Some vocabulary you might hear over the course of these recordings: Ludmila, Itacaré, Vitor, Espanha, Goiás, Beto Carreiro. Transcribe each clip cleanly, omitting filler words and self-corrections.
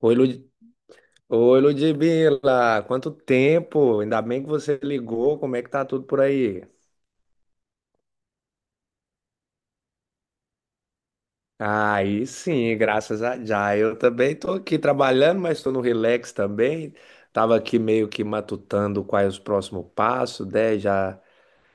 Oi, Lud... Oi, Ludmila, quanto tempo? Ainda bem que você ligou, como é que tá tudo por aí? Aí sim, graças a já. Eu também tô aqui trabalhando, mas tô no relax também. Tava aqui meio que matutando quais os próximos passos, né? Já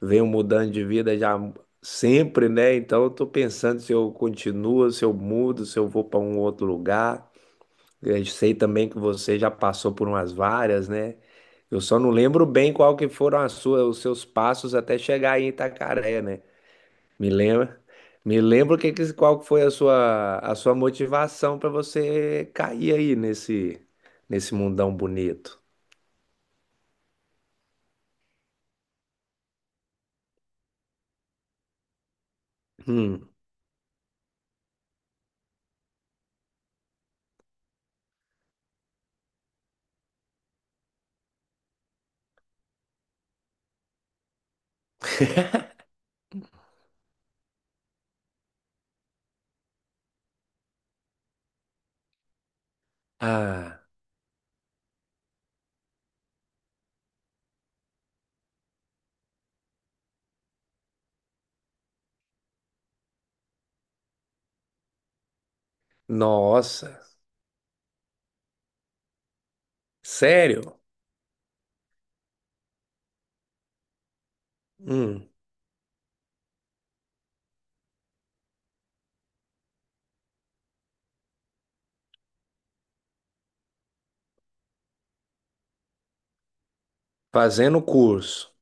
venho mudando de vida já sempre, né? Então eu tô pensando se eu continuo, se eu mudo, se eu vou para um outro lugar. Eu sei também que você já passou por umas várias, né? Eu só não lembro bem qual que foram as suas, os seus passos até chegar aí em Itacaré, né? Me lembra, me lembro qual que foi a sua motivação para você cair aí nesse mundão bonito. Hum. Ah, nossa, sério? Hum. Fazendo curso.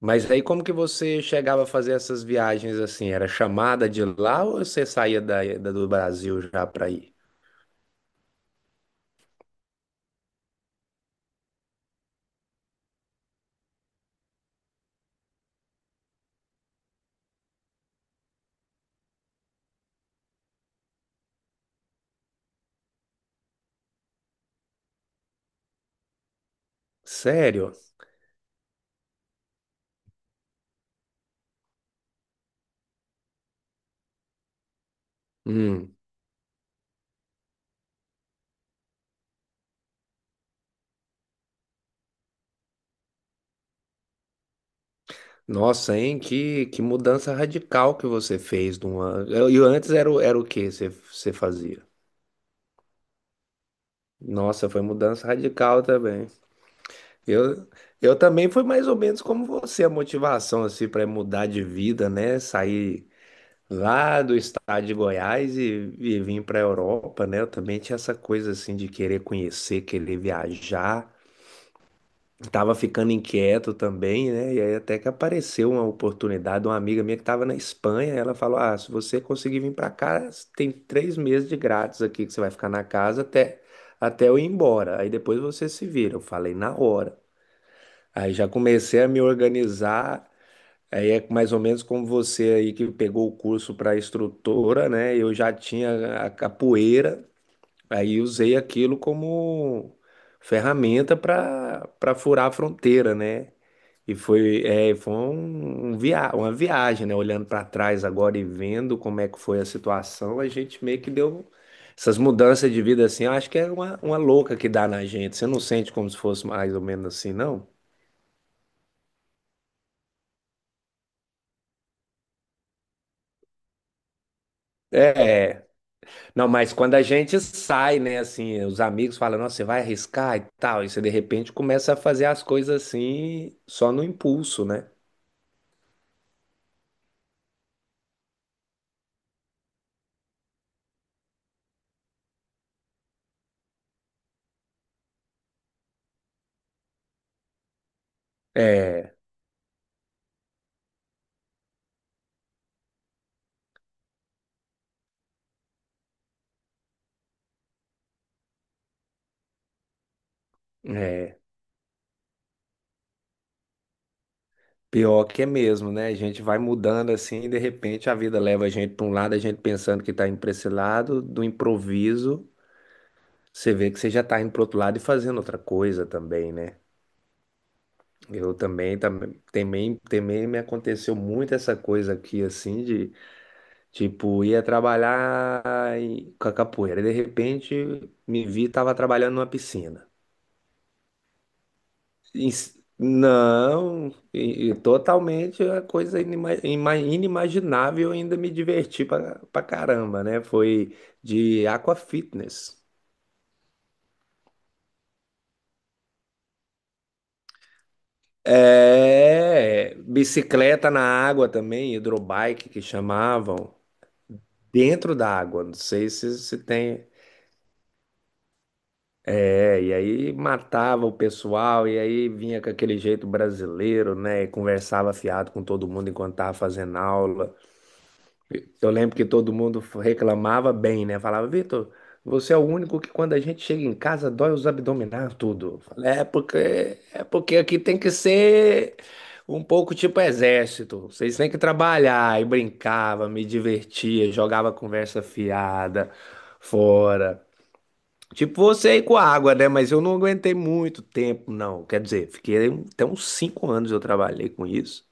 Mas aí como que você chegava a fazer essas viagens assim? Era chamada de lá ou você saía do Brasil já para ir? Sério? Hum. Nossa, hein? Que mudança radical que você fez de uma... E antes era, era o que você fazia? Nossa, foi mudança radical também. Eu, eu também fui mais ou menos como você, a motivação assim para mudar de vida, né? Sair lá do estado de Goiás e vim para a Europa, né? Eu também tinha essa coisa assim de querer conhecer, querer viajar. Tava ficando inquieto também, né? E aí até que apareceu uma oportunidade de uma amiga minha que estava na Espanha. Ela falou: Ah, se você conseguir vir para cá, tem 3 meses de grátis aqui que você vai ficar na casa até, até eu ir embora. Aí depois você se vira. Eu falei na hora. Aí já comecei a me organizar. Aí é mais ou menos como você aí que pegou o curso para instrutora, né? Eu já tinha a capoeira, aí usei aquilo como ferramenta para furar a fronteira, né? E foi, é, foi uma viagem, né? Olhando para trás agora e vendo como é que foi a situação, a gente meio que deu essas mudanças de vida assim. Eu acho que é uma louca que dá na gente. Você não sente como se fosse mais ou menos assim, não? É. Não, mas quando a gente sai, né, assim, os amigos falam, nossa, você vai arriscar e tal, e você de repente começa a fazer as coisas assim, só no impulso, né? É, é, pior que é mesmo, né? A gente vai mudando assim, e de repente a vida leva a gente para um lado, a gente pensando que tá indo para esse lado, do improviso, você vê que você já tá indo pro outro lado e fazendo outra coisa também, né? Eu também, me aconteceu muito essa coisa aqui, assim, de... Tipo, ia trabalhar com a capoeira. De repente, me vi, tava trabalhando numa piscina. Não, totalmente a coisa inimaginável, ainda me diverti pra caramba, né? Foi de aquafitness. É, bicicleta na água também, hidrobike que chamavam, dentro da água. Não sei se tem. É, e aí matava o pessoal, e aí vinha com aquele jeito brasileiro, né? E conversava fiado com todo mundo enquanto tava fazendo aula. Eu lembro que todo mundo reclamava bem, né? Falava, Vitor, você é o único que quando a gente chega em casa dói os abdominais tudo. Eu falei, É porque aqui tem que ser um pouco tipo exército. Vocês têm que trabalhar. E brincava, me divertia, jogava conversa fiada fora. Tipo você aí com a água, né? Mas eu não aguentei muito tempo, não. Quer dizer, fiquei até uns 5 anos eu trabalhei com isso.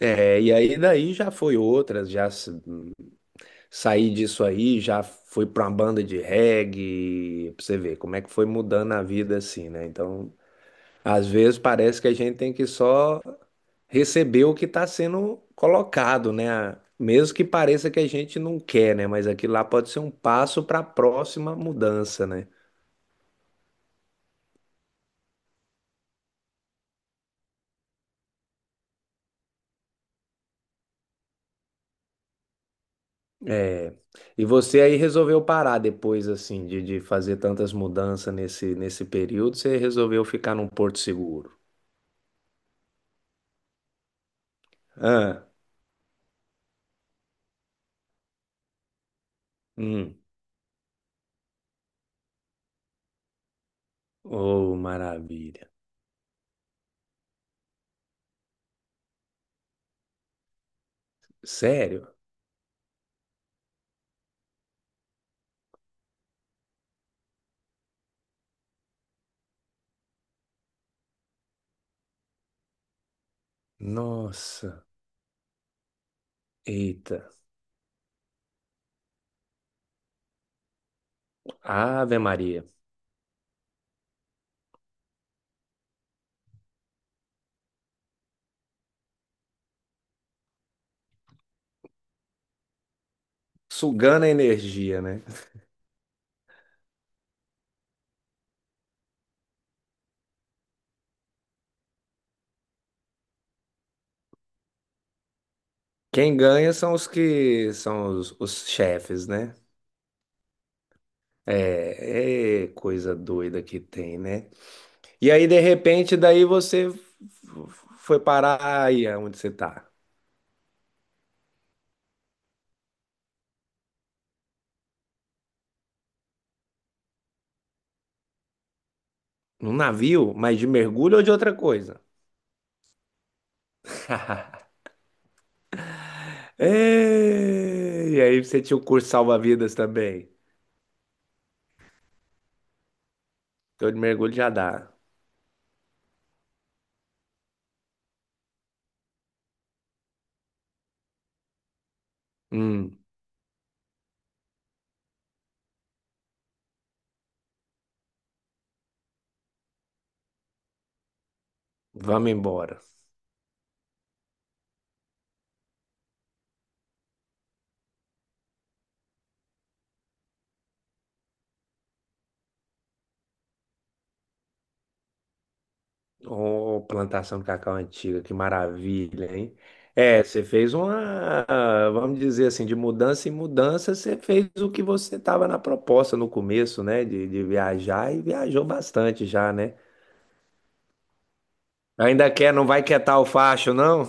É, e aí daí já foi outras, já saí disso aí, já fui pra uma banda de reggae, pra você ver como é que foi mudando a vida assim, né? Então, às vezes parece que a gente tem que só receber o que tá sendo colocado, né? Mesmo que pareça que a gente não quer, né? Mas aquilo lá pode ser um passo para a próxima mudança, né? É. E você aí resolveu parar depois, assim, de fazer tantas mudanças nesse período, você resolveu ficar num porto seguro. Ah, hum. Oh, maravilha. Sério? Nossa. Eita. Ave Maria. Sugando a energia, né? Quem ganha são os que são os chefes, né? É, coisa doida que tem, né? E aí, de repente, daí você foi parar aí é onde você tá. Num navio, mas de mergulho ou de outra coisa? É, e aí você tinha o curso salva-vidas também. Então de mergulho já dá. Hum, vamos embora. Ô, plantação de cacau antiga, que maravilha, hein? É, você fez uma, vamos dizer assim, de mudança em mudança, você fez o que você estava na proposta no começo, né? De viajar e viajou bastante já, né? Ainda quer, não vai quietar o facho, não?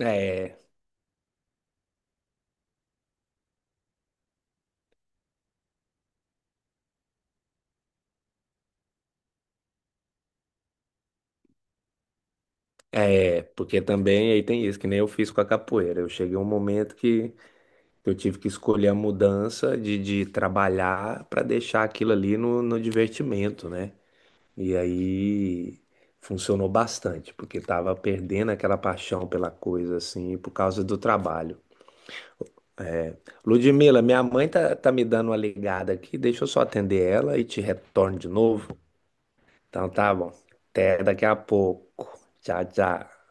É. É, porque também aí tem isso, que nem eu fiz com a capoeira. Eu cheguei a um momento que eu tive que escolher a mudança de trabalhar para deixar aquilo ali no divertimento, né? E aí funcionou bastante, porque tava perdendo aquela paixão pela coisa, assim, por causa do trabalho. Ludmila, minha mãe tá me dando uma ligada aqui, deixa eu só atender ela e te retorno de novo. Então tá bom. Até daqui a pouco. Tchau, tchau.